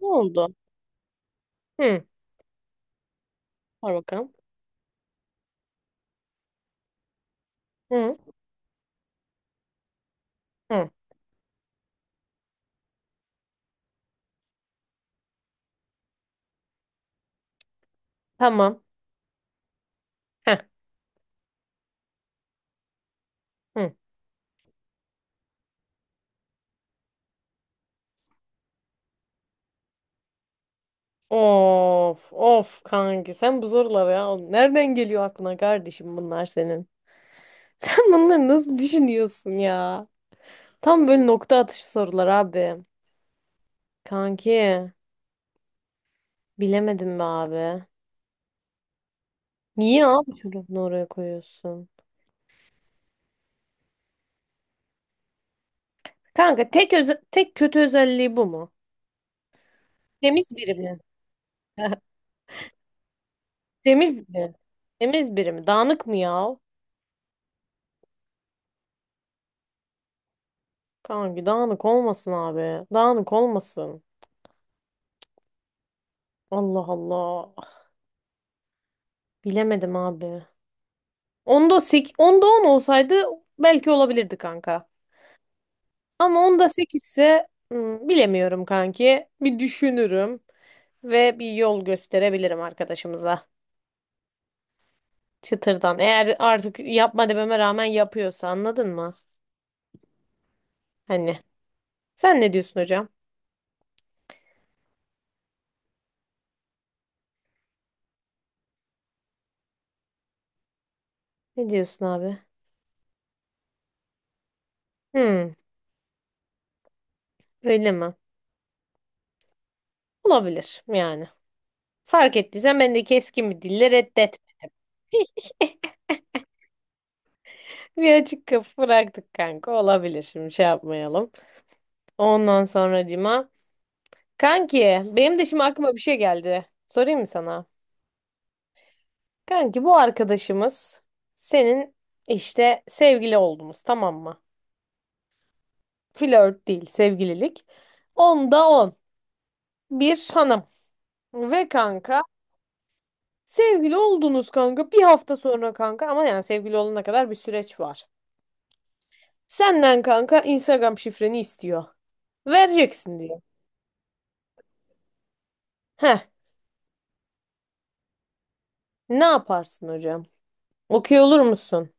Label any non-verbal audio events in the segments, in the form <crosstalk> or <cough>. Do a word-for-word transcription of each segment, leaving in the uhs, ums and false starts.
Ne oldu? Hı. Var bakalım. Hı. Hı. Tamam. Heh. Hı. Of of kanki sen bu soruları ya nereden geliyor aklına kardeşim bunlar senin? <laughs> Sen bunları nasıl düşünüyorsun ya? Tam böyle nokta atışı sorular abi. Kanki bilemedim be abi. Niye abi çocuğunu oraya koyuyorsun? Kanka tek öze- tek kötü özelliği bu mu? Temiz biri mi? Temiz mi? Temiz biri mi? Dağınık mı ya? Kanki dağınık olmasın abi. Dağınık olmasın. Allah Allah. Bilemedim abi. Onda sekiz, onda on olsaydı belki olabilirdi kanka. Ama onda sekiz ise hmm, bilemiyorum kanki. Bir düşünürüm ve bir yol gösterebilirim arkadaşımıza. Çıtırdan. Eğer artık yapma dememe rağmen yapıyorsa anladın mı? Hani. Sen ne diyorsun hocam? Ne diyorsun abi? Hmm, öyle mi? Olabilir yani. Fark ettiysen ben de keskin bir dille reddet. <laughs> Bir açık kapı bıraktık kanka. Olabilir şimdi şey yapmayalım. Ondan sonracıma. Kanki benim de şimdi aklıma bir şey geldi. Sorayım mı sana? Kanki bu arkadaşımız senin işte sevgili oldunuz tamam mı? Flört değil sevgililik. Onda on. Bir hanım. Ve kanka sevgili oldunuz kanka bir hafta sonra kanka ama yani sevgili olana kadar bir süreç var. Senden kanka Instagram şifreni istiyor. Vereceksin diyor. Heh, ne yaparsın hocam? Okuyor olur musun?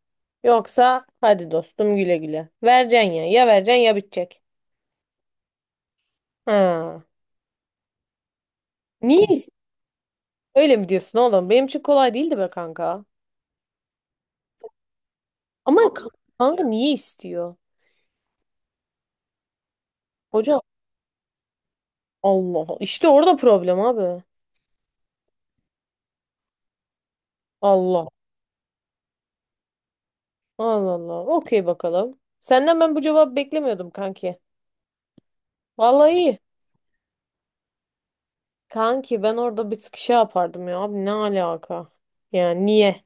Yoksa hadi dostum güle güle. Vereceksin ya. Ya vereceksin ya bitecek. Ha. Niye istiyor? Öyle mi diyorsun oğlum? Benim için kolay değildi be kanka. Ama kanka, kanka niye istiyor? Hoca Allah Allah. İşte orada problem abi. Allah. Allah Allah. Okey bakalım. Senden ben bu cevabı beklemiyordum kanki. Vallahi iyi. Kanki ben orada bir sıkışa yapardım ya. Abi ne alaka? Yani niye?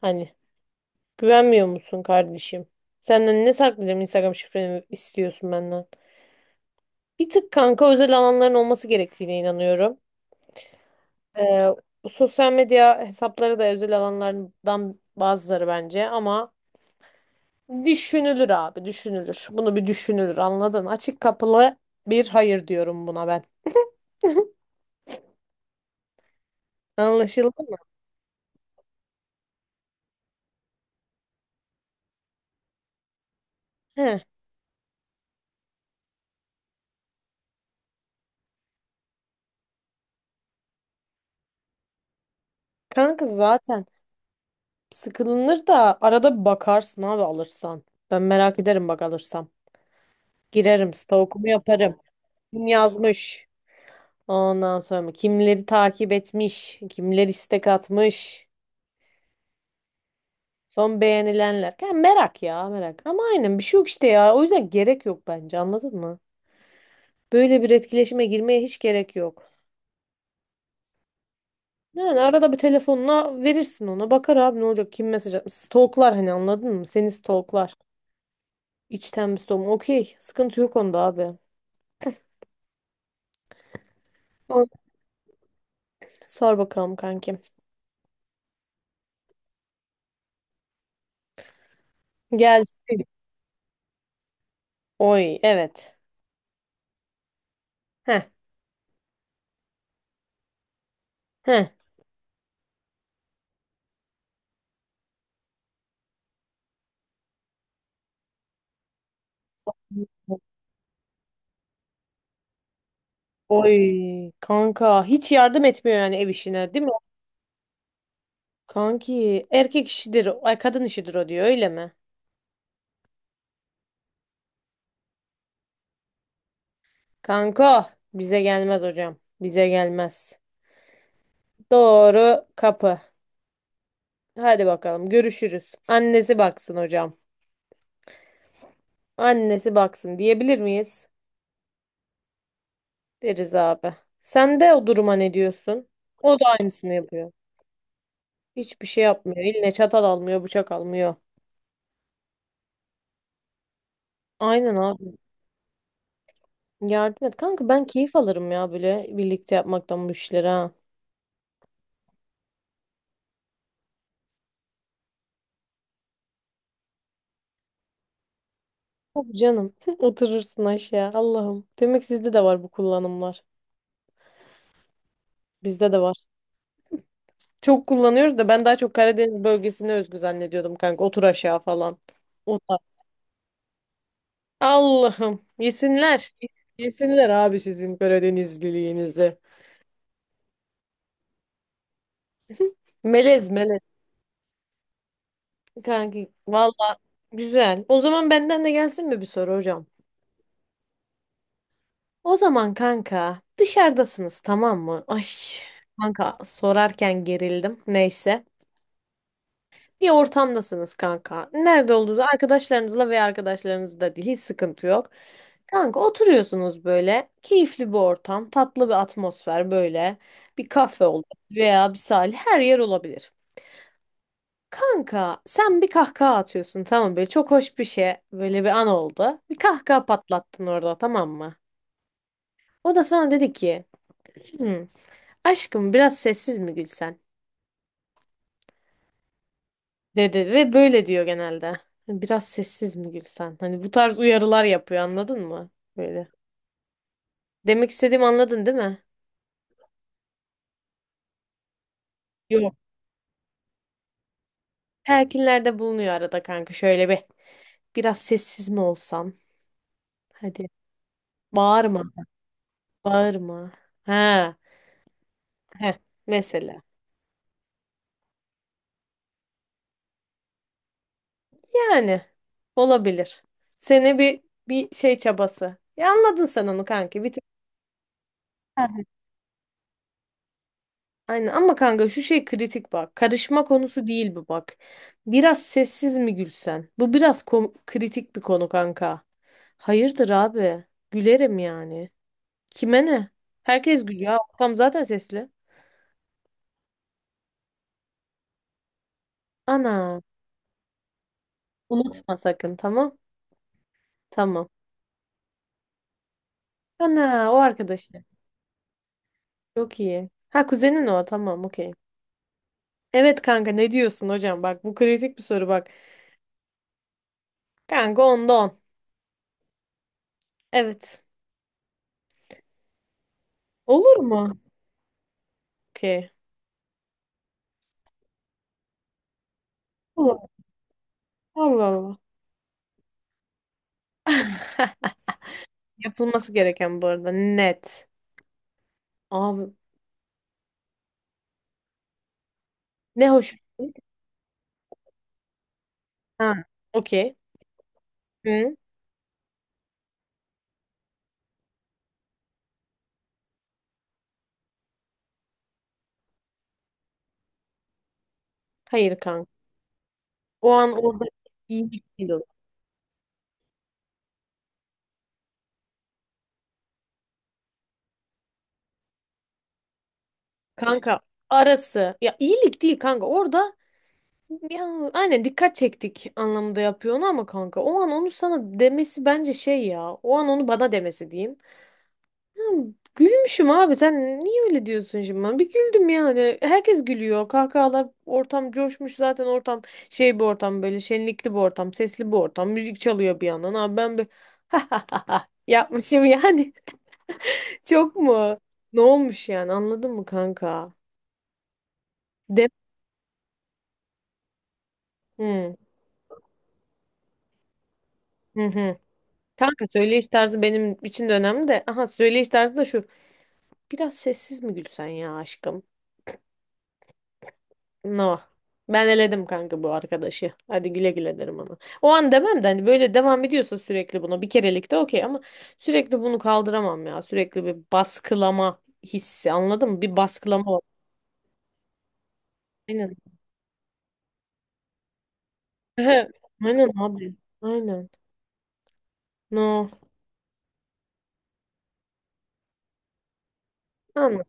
Hani. Güvenmiyor musun kardeşim? Senden ne saklayacağım Instagram şifreni istiyorsun benden. Bir tık kanka özel alanların olması gerektiğine inanıyorum. Ee, Sosyal medya hesapları da özel alanlardan bazıları bence ama düşünülür abi düşünülür. Bunu bir düşünülür anladın. Açık kapılı bir hayır diyorum buna ben. Anlaşıldı mı? He. Kanka zaten sıkılınır da arada bir bakarsın abi alırsan. Ben merak ederim bak alırsam. Girerim stalkumu yaparım. Kim yazmış? Ondan sonra kimleri takip etmiş, kimler istek atmış, son beğenilenler. Ya merak ya merak. Ama aynen bir şey yok işte ya. O yüzden gerek yok bence anladın mı? Böyle bir etkileşime girmeye hiç gerek yok. Yani arada bir telefonla verirsin ona. Bakar abi ne olacak kim mesaj atmış. Stalklar hani anladın mı? Seni stalklar. İçten bir stalk. Okey. Sıkıntı yok onda abi. O- Sor bakalım kankim. Gel. Oy evet. Heh. Heh. Oy kanka hiç yardım etmiyor yani ev işine değil mi? Kanki erkek işidir, ay kadın işidir o diyor öyle mi? Kanka bize gelmez hocam. Bize gelmez. Doğru kapı. Hadi bakalım görüşürüz. Annesi baksın hocam. Annesi baksın diyebilir miyiz? Deriz abi. Sen de o duruma ne diyorsun? O da aynısını yapıyor. Hiçbir şey yapmıyor. Eline çatal almıyor, bıçak almıyor. Aynen abi. Yardım et. Kanka ben keyif alırım ya böyle birlikte yapmaktan bu işlere. Ha. Tabii canım. <laughs> Oturursun aşağı. Allah'ım. Demek sizde de var bu kullanımlar. Bizde de var. Çok kullanıyoruz da ben daha çok Karadeniz bölgesine özgü zannediyordum kanka. Otur aşağı falan. O tarz. Allah'ım. Yesinler. Yesinler abi sizin Karadenizliliğinizi. Melez melez. Kanki valla güzel. O zaman benden de gelsin mi bir soru hocam? O zaman kanka dışarıdasınız tamam mı? Ay kanka sorarken gerildim. Neyse. Bir ortamdasınız kanka. Nerede olduğunuz arkadaşlarınızla veya arkadaşlarınızla değil hiç sıkıntı yok. Kanka oturuyorsunuz böyle. Keyifli bir ortam, tatlı bir atmosfer böyle. Bir kafe olur veya bir sahil her yer olabilir. Kanka sen bir kahkaha atıyorsun tamam böyle çok hoş bir şey böyle bir an oldu. Bir kahkaha patlattın orada tamam mı? O da sana dedi ki "Hmm, aşkım biraz sessiz mi gülsen?" Dedi ve böyle diyor genelde. Hani biraz sessiz mi gülsen? Hani bu tarz uyarılar yapıyor anladın mı? Böyle. Demek istediğimi anladın değil mi? Yok. Telkinlerde bulunuyor arada kanka şöyle bir. Biraz sessiz mi olsam? Hadi. Bağırma. Bağırma. Ha. Heh. Mesela. Yani. Olabilir. Seni bir bir şey çabası. Ya anladın sen onu kanki. Bir tık. Aynen ama kanka şu şey kritik bak. Karışma konusu değil bu bak. Biraz sessiz mi gülsen? Bu biraz kom- kritik bir konu kanka. Hayırdır abi? Gülerim yani. Kime ne? Herkes gülüyor. Tam zaten sesli. Ana. Unutma sakın tamam? Tamam. Ana o arkadaşı. Çok iyi. Ha kuzenin o tamam okey. Evet kanka ne diyorsun hocam? Bak bu kritik bir soru bak. Kanka onda on. Evet. Olur mu? Okey. Olur. Allah Allah. <laughs> Yapılması gereken bu arada net. Abi ne hoş. Ha, okey. Hı? Hayır kanka. O an orada iyilik değil olur. Kanka arası. Ya iyilik değil kanka. Orada ya, aynen dikkat çektik anlamında yapıyor onu ama kanka. O an onu sana demesi bence şey ya. O an onu bana demesi diyeyim. Gülmüşüm abi sen niye öyle diyorsun şimdi bana? Bir güldüm yani. Herkes gülüyor. Kahkahalar ortam coşmuş zaten ortam şey bir ortam böyle şenlikli bir ortam, sesli bir ortam. Müzik çalıyor bir yandan. Abi ben bir <laughs> yapmışım yani. <laughs> Çok mu? Ne olmuş yani anladın mı kanka? De hı. Hı hı. Kanka söyleyiş tarzı benim için de önemli de. Aha söyleyiş tarzı da şu. Biraz sessiz mi gülsen ya aşkım? No. Ben eledim kanka bu arkadaşı. Hadi güle güle derim ona. O an demem de hani böyle devam ediyorsa sürekli buna bir kerelik de okey ama sürekli bunu kaldıramam ya. Sürekli bir baskılama hissi anladın mı? Bir baskılama var. Aynen. <laughs> Ehe, aynen abi. Aynen. No. Anladım.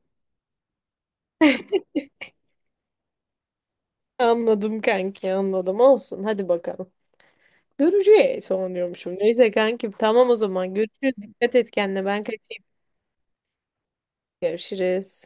Anladım kanki anladım. Olsun hadi bakalım. Göreceğiz onu diyormuşum. Neyse kankim tamam o zaman görüşürüz. Dikkat et kendine ben kaçayım. Görüşürüz.